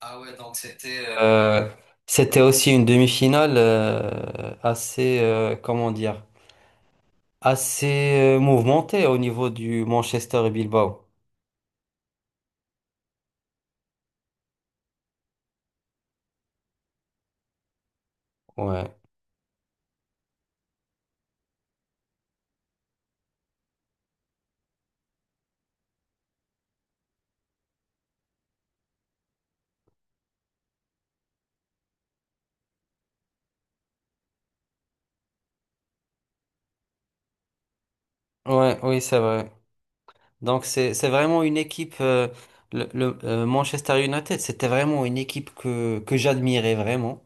Ah ouais, donc c'était aussi une demi-finale assez, comment dire, assez mouvementée au niveau du Manchester et Bilbao. Ouais, ouais, oui, c'est vrai. Donc c'est vraiment une équipe. Le Manchester United, c'était vraiment une équipe que j'admirais vraiment.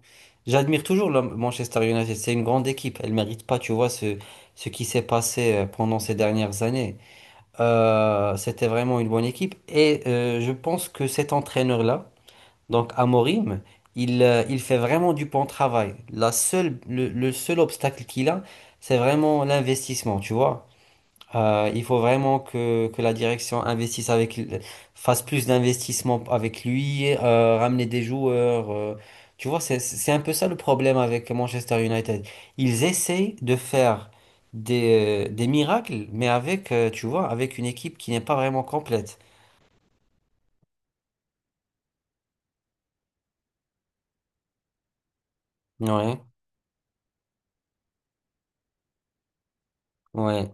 J'admire toujours le Manchester United. C'est une grande équipe. Elle mérite pas, tu vois, ce qui s'est passé pendant ces dernières années. C'était vraiment une bonne équipe. Et je pense que cet entraîneur-là, donc Amorim, il fait vraiment du bon travail. Le seul obstacle qu'il a, c'est vraiment l'investissement, tu vois. Il faut vraiment que la direction investisse fasse plus d'investissements avec lui, ramener des joueurs. Tu vois, c'est un peu ça le problème avec Manchester United. Ils essaient de faire des miracles, mais tu vois, avec une équipe qui n'est pas vraiment complète. Ouais, ouais.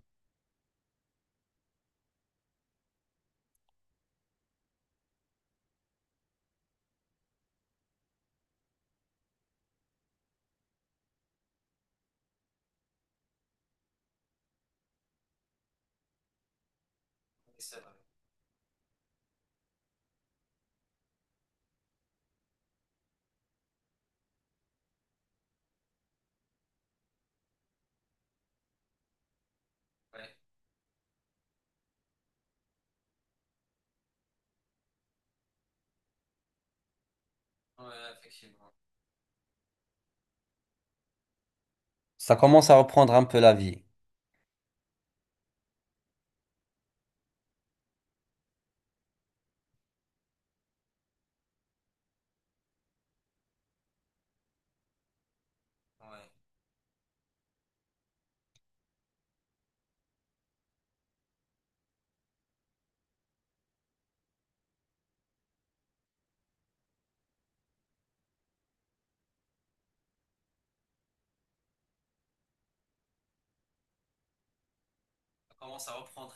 Ça commence à reprendre un peu la vie.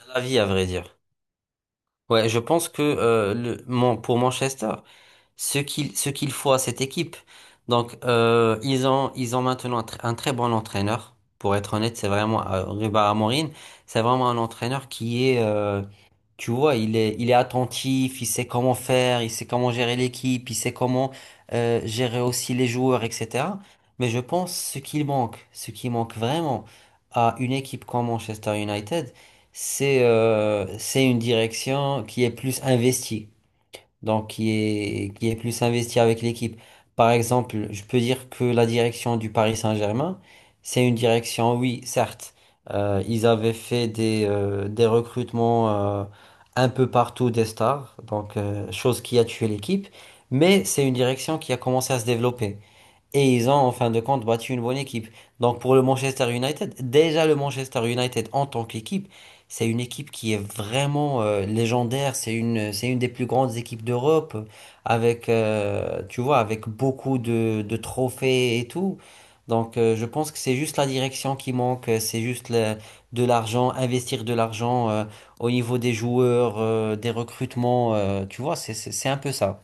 La vie, à vrai dire. Ouais, je pense que pour Manchester, ce qu'il faut à cette équipe. Donc, ils ont maintenant un très bon entraîneur. Pour être honnête, c'est vraiment Ruben Amorim. C'est vraiment un entraîneur qui est tu vois, il est attentif, il sait comment faire, il sait comment gérer l'équipe, il sait comment gérer aussi les joueurs, etc. Mais je pense ce qu'il manque, ce qui manque vraiment à une équipe comme Manchester United, c'est une direction qui est plus investie donc qui est plus investi avec l'équipe. Par exemple, je peux dire que la direction du Paris Saint-Germain, c'est une direction, oui, certes, ils avaient fait des recrutements euh, un peu partout des stars, donc chose qui a tué l'équipe, mais c'est une direction qui a commencé à se développer. Et ils ont en fin de compte battu une bonne équipe. Donc pour le Manchester United, déjà le Manchester United en tant qu'équipe, c'est une équipe qui est vraiment légendaire. C'est une des plus grandes équipes d'Europe, tu vois, avec beaucoup de trophées et tout. Donc je pense que c'est juste la direction qui manque, de l'argent, investir de l'argent au niveau des joueurs, des recrutements, tu vois, c'est un peu ça.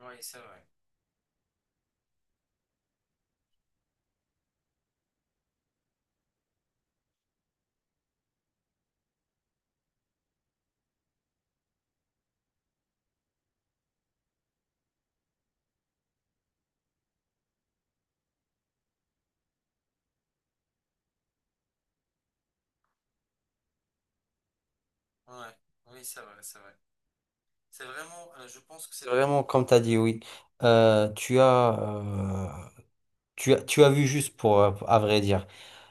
Ouais, oui, c'est vrai. Ouais, oui, c'est vrai, c'est vrai. C'est vraiment, je pense que c'est vraiment comme tu as dit, oui. Euh, tu as, euh, tu as vu juste pour, à vrai dire.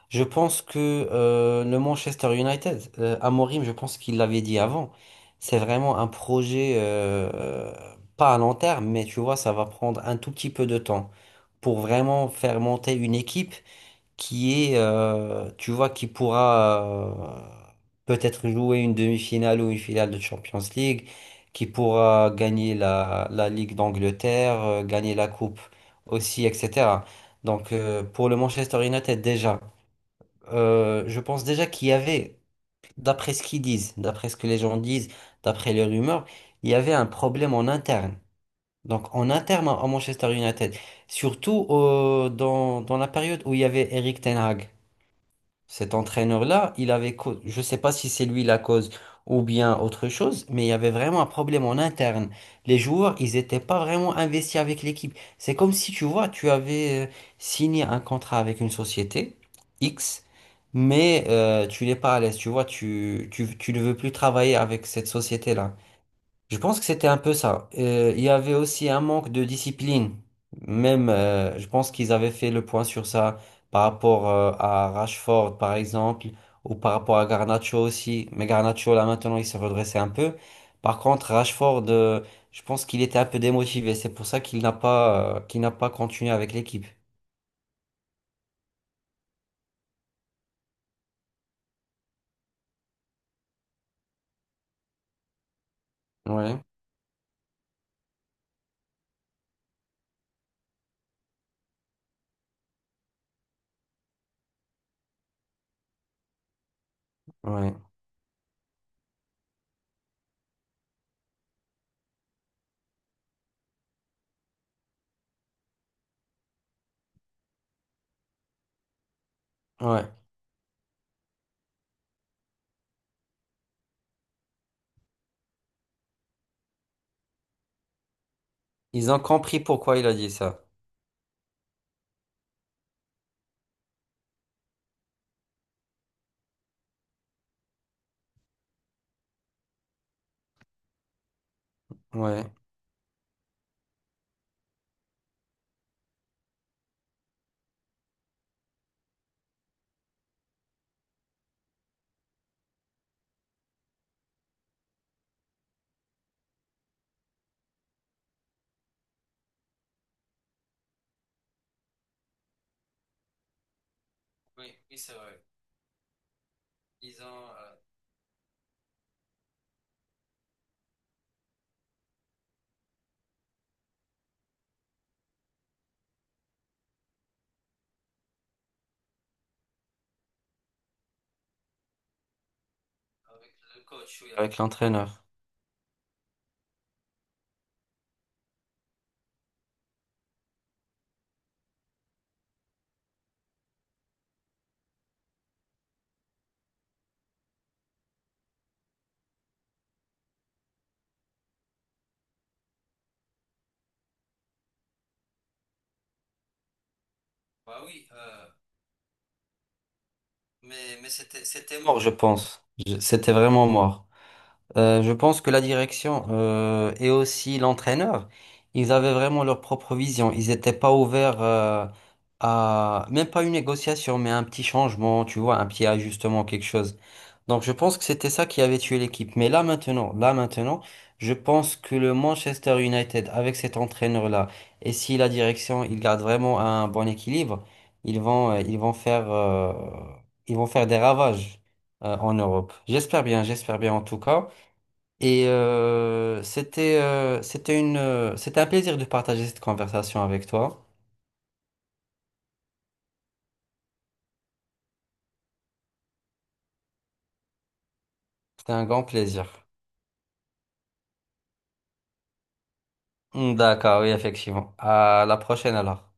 Je pense que le Manchester United, Amorim, je pense qu'il l'avait dit avant, c'est vraiment un projet, pas à long terme, mais tu vois, ça va prendre un tout petit peu de temps pour vraiment faire monter une équipe qui est tu vois, qui pourra peut-être jouer une demi-finale ou une finale de Champions League, qui pourra gagner la Ligue d'Angleterre, gagner la Coupe aussi, etc. Donc pour le Manchester United déjà, je pense déjà qu'il y avait, d'après ce qu'ils disent, d'après ce que les gens disent, d'après les rumeurs, il y avait un problème en interne. Donc en interne à Manchester United, surtout dans la période où il y avait Eric Ten Hag. Cet entraîneur-là, je ne sais pas si c'est lui la cause ou bien autre chose, mais il y avait vraiment un problème en interne. Les joueurs, ils n'étaient pas vraiment investis avec l'équipe. C'est comme si, tu vois, tu avais signé un contrat avec une société X, mais tu n'es pas à l'aise, tu vois, tu ne veux plus travailler avec cette société-là. Je pense que c'était un peu ça. Il y avait aussi un manque de discipline. Même, je pense qu'ils avaient fait le point sur ça par rapport à Rashford, par exemple, ou par rapport à Garnacho aussi. Mais Garnacho, là, maintenant, il s'est redressé un peu. Par contre, Rashford, je pense qu'il était un peu démotivé. C'est pour ça qu'il n'a pas continué avec l'équipe. Ouais, ouais, ouais. Ils ont compris pourquoi il a dit ça. Ouais. Oui, oui, c'est vrai. Ils ont, euh, le coach, oui, avec l'entraîneur. Bah oui, Mais, mais c'était mort, je pense. C'était vraiment mort. Je pense que la direction et aussi l'entraîneur, ils avaient vraiment leur propre vision. Ils n'étaient pas ouverts même pas une négociation, mais un petit changement, tu vois, un petit ajustement, quelque chose. Donc je pense que c'était ça qui avait tué l'équipe. Mais là maintenant, je pense que le Manchester United avec cet entraîneur-là, et si la direction il garde vraiment un bon équilibre, ils vont euh, ils vont faire euh, ils vont faire des ravages en Europe. J'espère bien en tout cas. Et c'était un plaisir de partager cette conversation avec toi. C'était un grand plaisir. D'accord, oui, effectivement. À la prochaine alors.